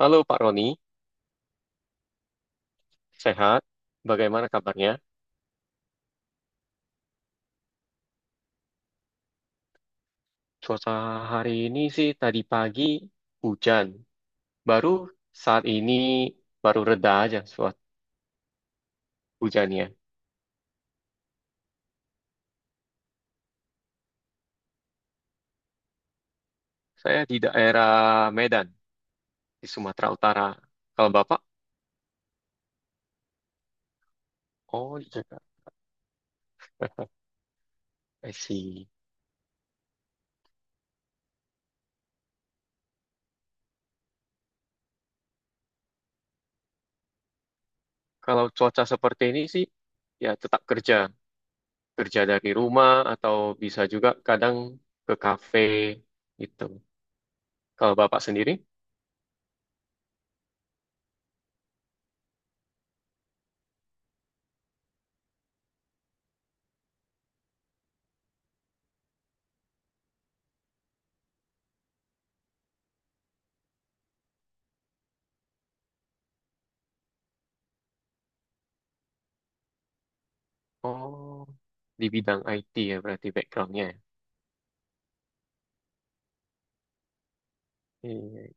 Halo Pak Roni, sehat? Bagaimana kabarnya? Cuaca hari ini sih tadi pagi hujan. Baru saat ini baru reda aja suat hujannya. Saya di daerah Medan, di Sumatera Utara. Kalau Bapak? Oh, di Jakarta. I see. Kalau cuaca seperti ini sih ya tetap kerja. Kerja dari rumah atau bisa juga kadang ke kafe gitu. Kalau Bapak sendiri? Oh, di bidang IT ya berarti backgroundnya. Iya.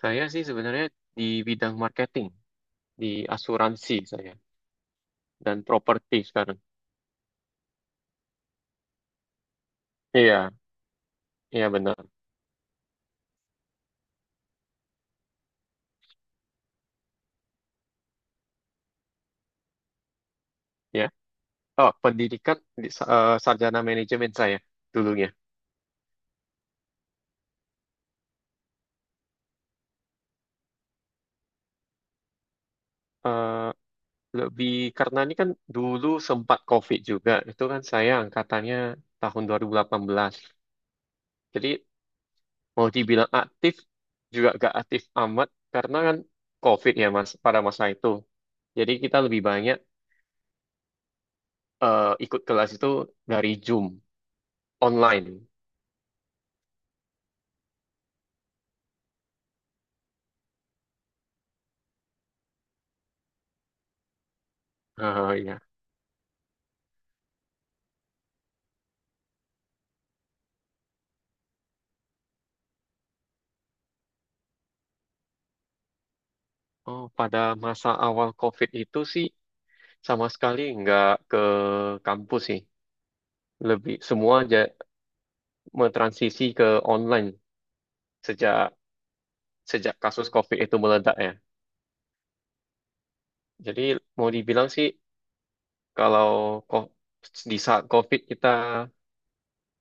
Saya sih sebenarnya di bidang marketing, di asuransi saya, dan properti sekarang. Iya, iya benar. Ya. Oh, pendidikan sarjana manajemen saya dulunya. Eh, Lebih karena ini kan dulu sempat COVID juga, itu kan saya angkatannya tahun 2018. Jadi mau dibilang aktif juga gak aktif amat karena kan COVID ya mas pada masa itu. Jadi kita lebih banyak ikut kelas itu dari Zoom. Online. Ah, iya. Oh, pada masa awal COVID itu sih sama sekali nggak ke kampus sih. Lebih semua aja mentransisi ke online sejak sejak kasus COVID itu meledak ya. Jadi mau dibilang sih kalau ko- di saat COVID kita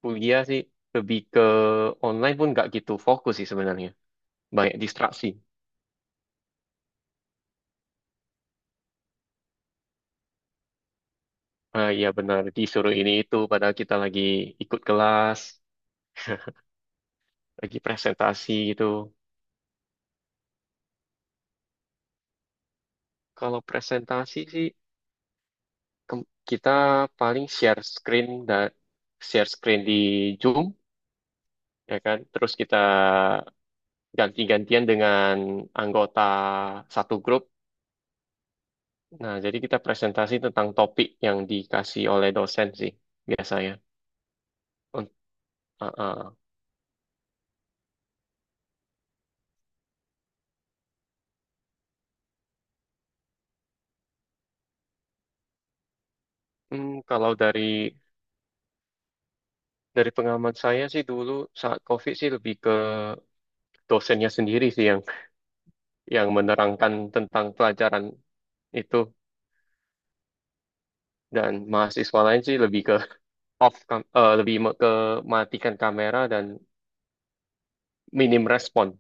kuliah sih lebih ke online pun nggak gitu fokus sih sebenarnya. Banyak distraksi. Ah, iya benar disuruh ini itu padahal kita lagi ikut kelas, lagi presentasi gitu. Kalau presentasi sih kita paling share screen dan share screen di Zoom ya kan. Terus kita ganti-gantian dengan anggota satu grup. Nah, jadi kita presentasi tentang topik yang dikasih oleh dosen sih biasanya. Unt- uh, uh. Kalau dari pengalaman saya sih dulu saat COVID sih lebih ke dosennya sendiri sih yang menerangkan tentang pelajaran itu dan mahasiswa lain sih lebih ke off kam- eh, lebih me- ke matikan kamera dan minim respon.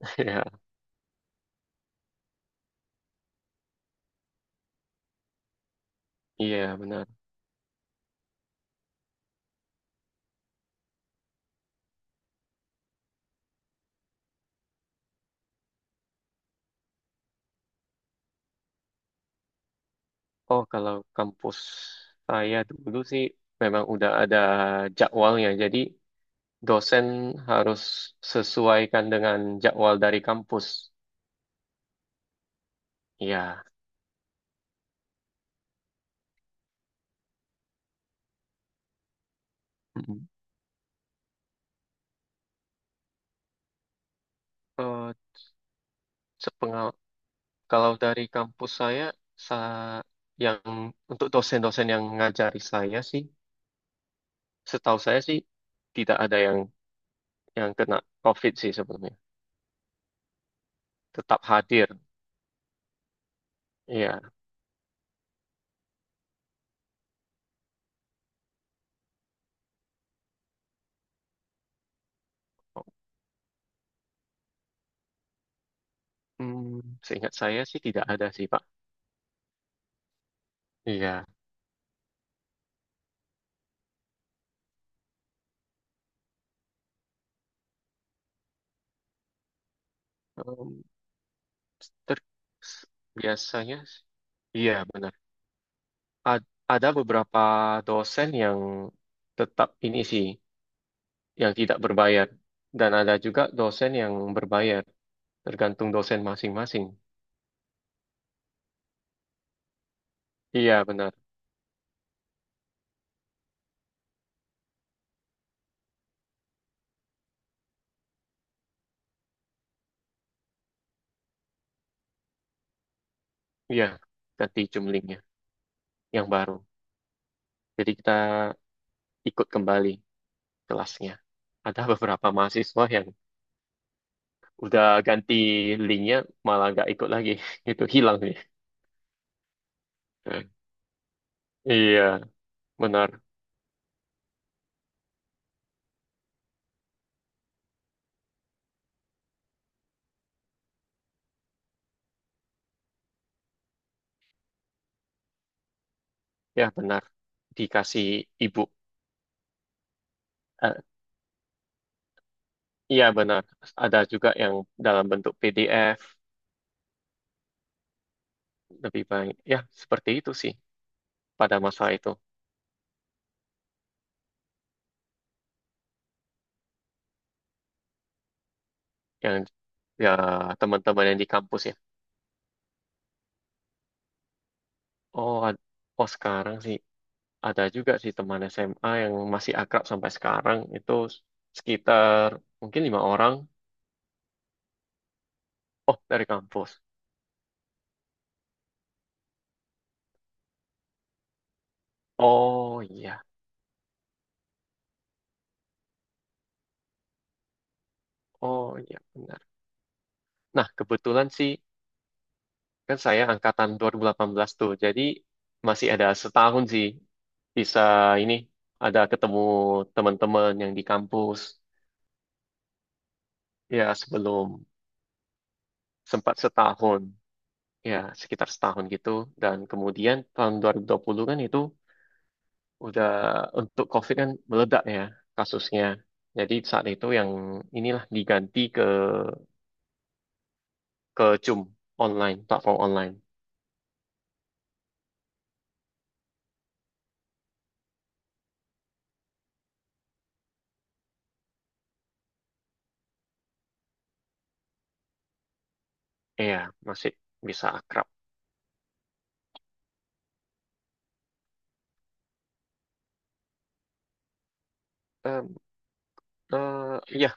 Ya, iya benar. Oh, kalau kampus saya dulu sih memang udah ada jadwalnya. Jadi dosen harus sesuaikan dengan jadwal dari kampus. Iya. Mm-mm. Eh, sepengal- Kalau dari kampus saya, sa- yang untuk dosen-dosen yang ngajari saya sih, setahu saya sih tidak ada yang kena COVID sih sebelumnya. Tetap hadir. Iya, Hmm, seingat saya sih tidak ada sih Pak. Iya, Em, ter- s- biasanya, iya benar. A- ada beberapa dosen yang tetap ini sih, yang tidak berbayar, dan ada juga dosen yang berbayar, tergantung dosen masing-masing. Iya benar, iya ganti jumlingnya yang baru. Jadi kita ikut kembali kelasnya. Ada beberapa mahasiswa yang udah ganti linknya malah nggak ikut lagi, itu hilang nih. Iya benar. Ya benar. Dikasih ibu. Eh, iya benar, ada juga yang dalam bentuk PDF lebih baik, ya seperti itu sih pada masa itu. Yang ya, teman-teman yang di kampus ya. oh ad- oh sekarang sih ada juga sih teman SMA yang masih akrab sampai sekarang itu, sekitar mungkin lima orang. Oh, dari kampus. Oh iya. Oh iya benar. Nah, kebetulan sih kan saya angkatan 2018 tuh. Jadi masih ada setahun sih bisa ini, ada ketemu teman-teman yang di kampus ya, sebelum. Sempat setahun, ya sekitar setahun gitu. Dan kemudian tahun dua 2020 kan, itu udah, untuk COVID kan meledak ya kasusnya. Jadi saat itu yang inilah diganti ke Zoom online, platform online. Iya, masih bisa akrab. Em, Iya,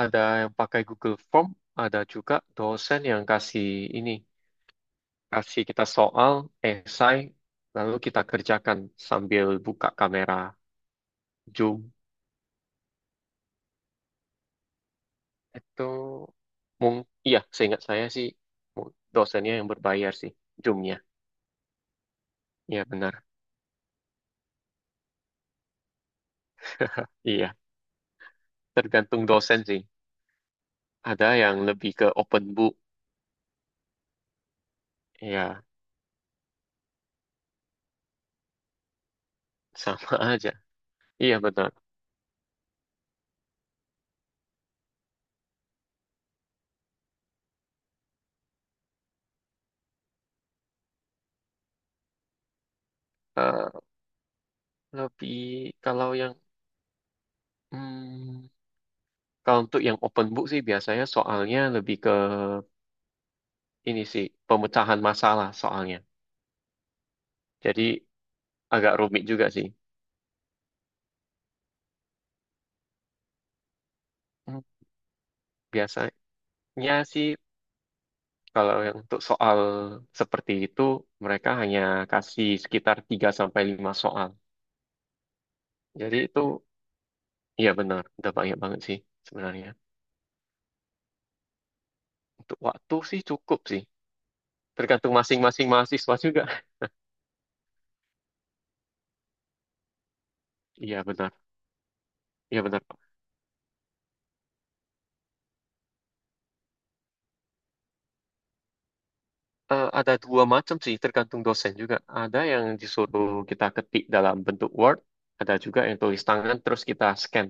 ada yang pakai Google Form, ada juga dosen yang kasih ini, kasih kita soal, esai, lalu kita kerjakan sambil buka kamera Zoom. Itu mung, iya, seingat saya sih dosennya yang berbayar sih, Zoom-nya. Iya benar, iya. Tergantung dosen sih. Ada yang lebih ke open book, ya sama aja. Iya benar. Eh, Lebih, kalau yang hmm, kalau untuk yang open book sih biasanya soalnya lebih ke ini sih pemecahan masalah soalnya. Jadi agak rumit juga sih. Hmm. Biasanya sih kalau yang untuk soal seperti itu mereka hanya kasih sekitar 3 sampai 5 soal. Jadi itu ya benar, udah banyak banget sih sebenarnya. Untuk waktu sih cukup sih. Tergantung masing-masing mahasiswa juga. Iya benar, iya benar Pak. Ada dua macam sih, tergantung dosen juga. Ada yang disuruh kita ketik dalam bentuk Word, ada juga yang tulis tangan terus kita scan.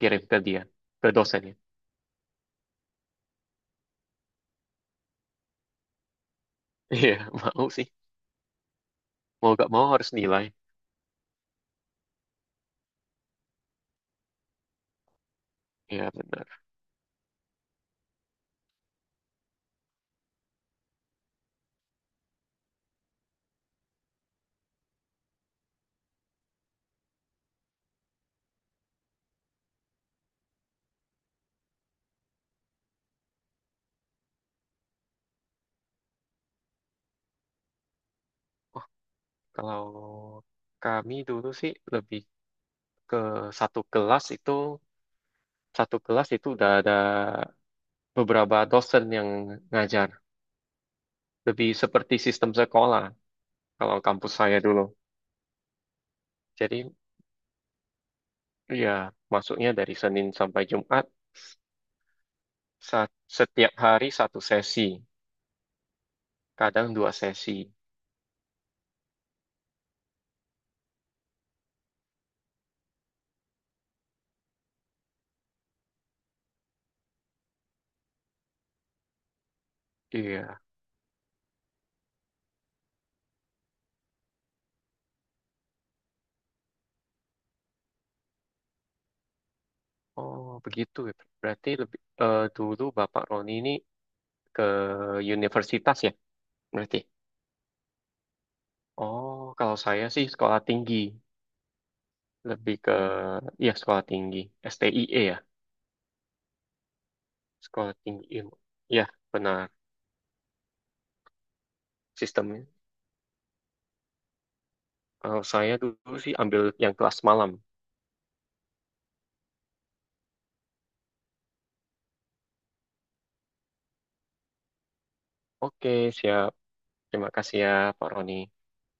Kirim ke dia, ke dosennya. Iya, mau sih, mau gak mau harus nilai. Iya benar. Kalau kami dulu sih lebih ke satu kelas itu udah ada beberapa dosen yang ngajar, lebih seperti sistem sekolah kalau kampus saya dulu. Jadi ya masuknya dari Senin sampai Jumat, sa- setiap hari satu sesi, kadang dua sesi. Iya. Oh begitu ya. Berarti lebih dulu Bapak Roni ini ke universitas ya berarti. Oh, kalau saya sih sekolah tinggi, lebih ke ya sekolah tinggi, STIE ya, sekolah tinggi ilmu. Ya, benar sistemnya. Kalau saya dulu sih ambil yang kelas malam. Oke, siap. Terima kasih ya, Pak Roni.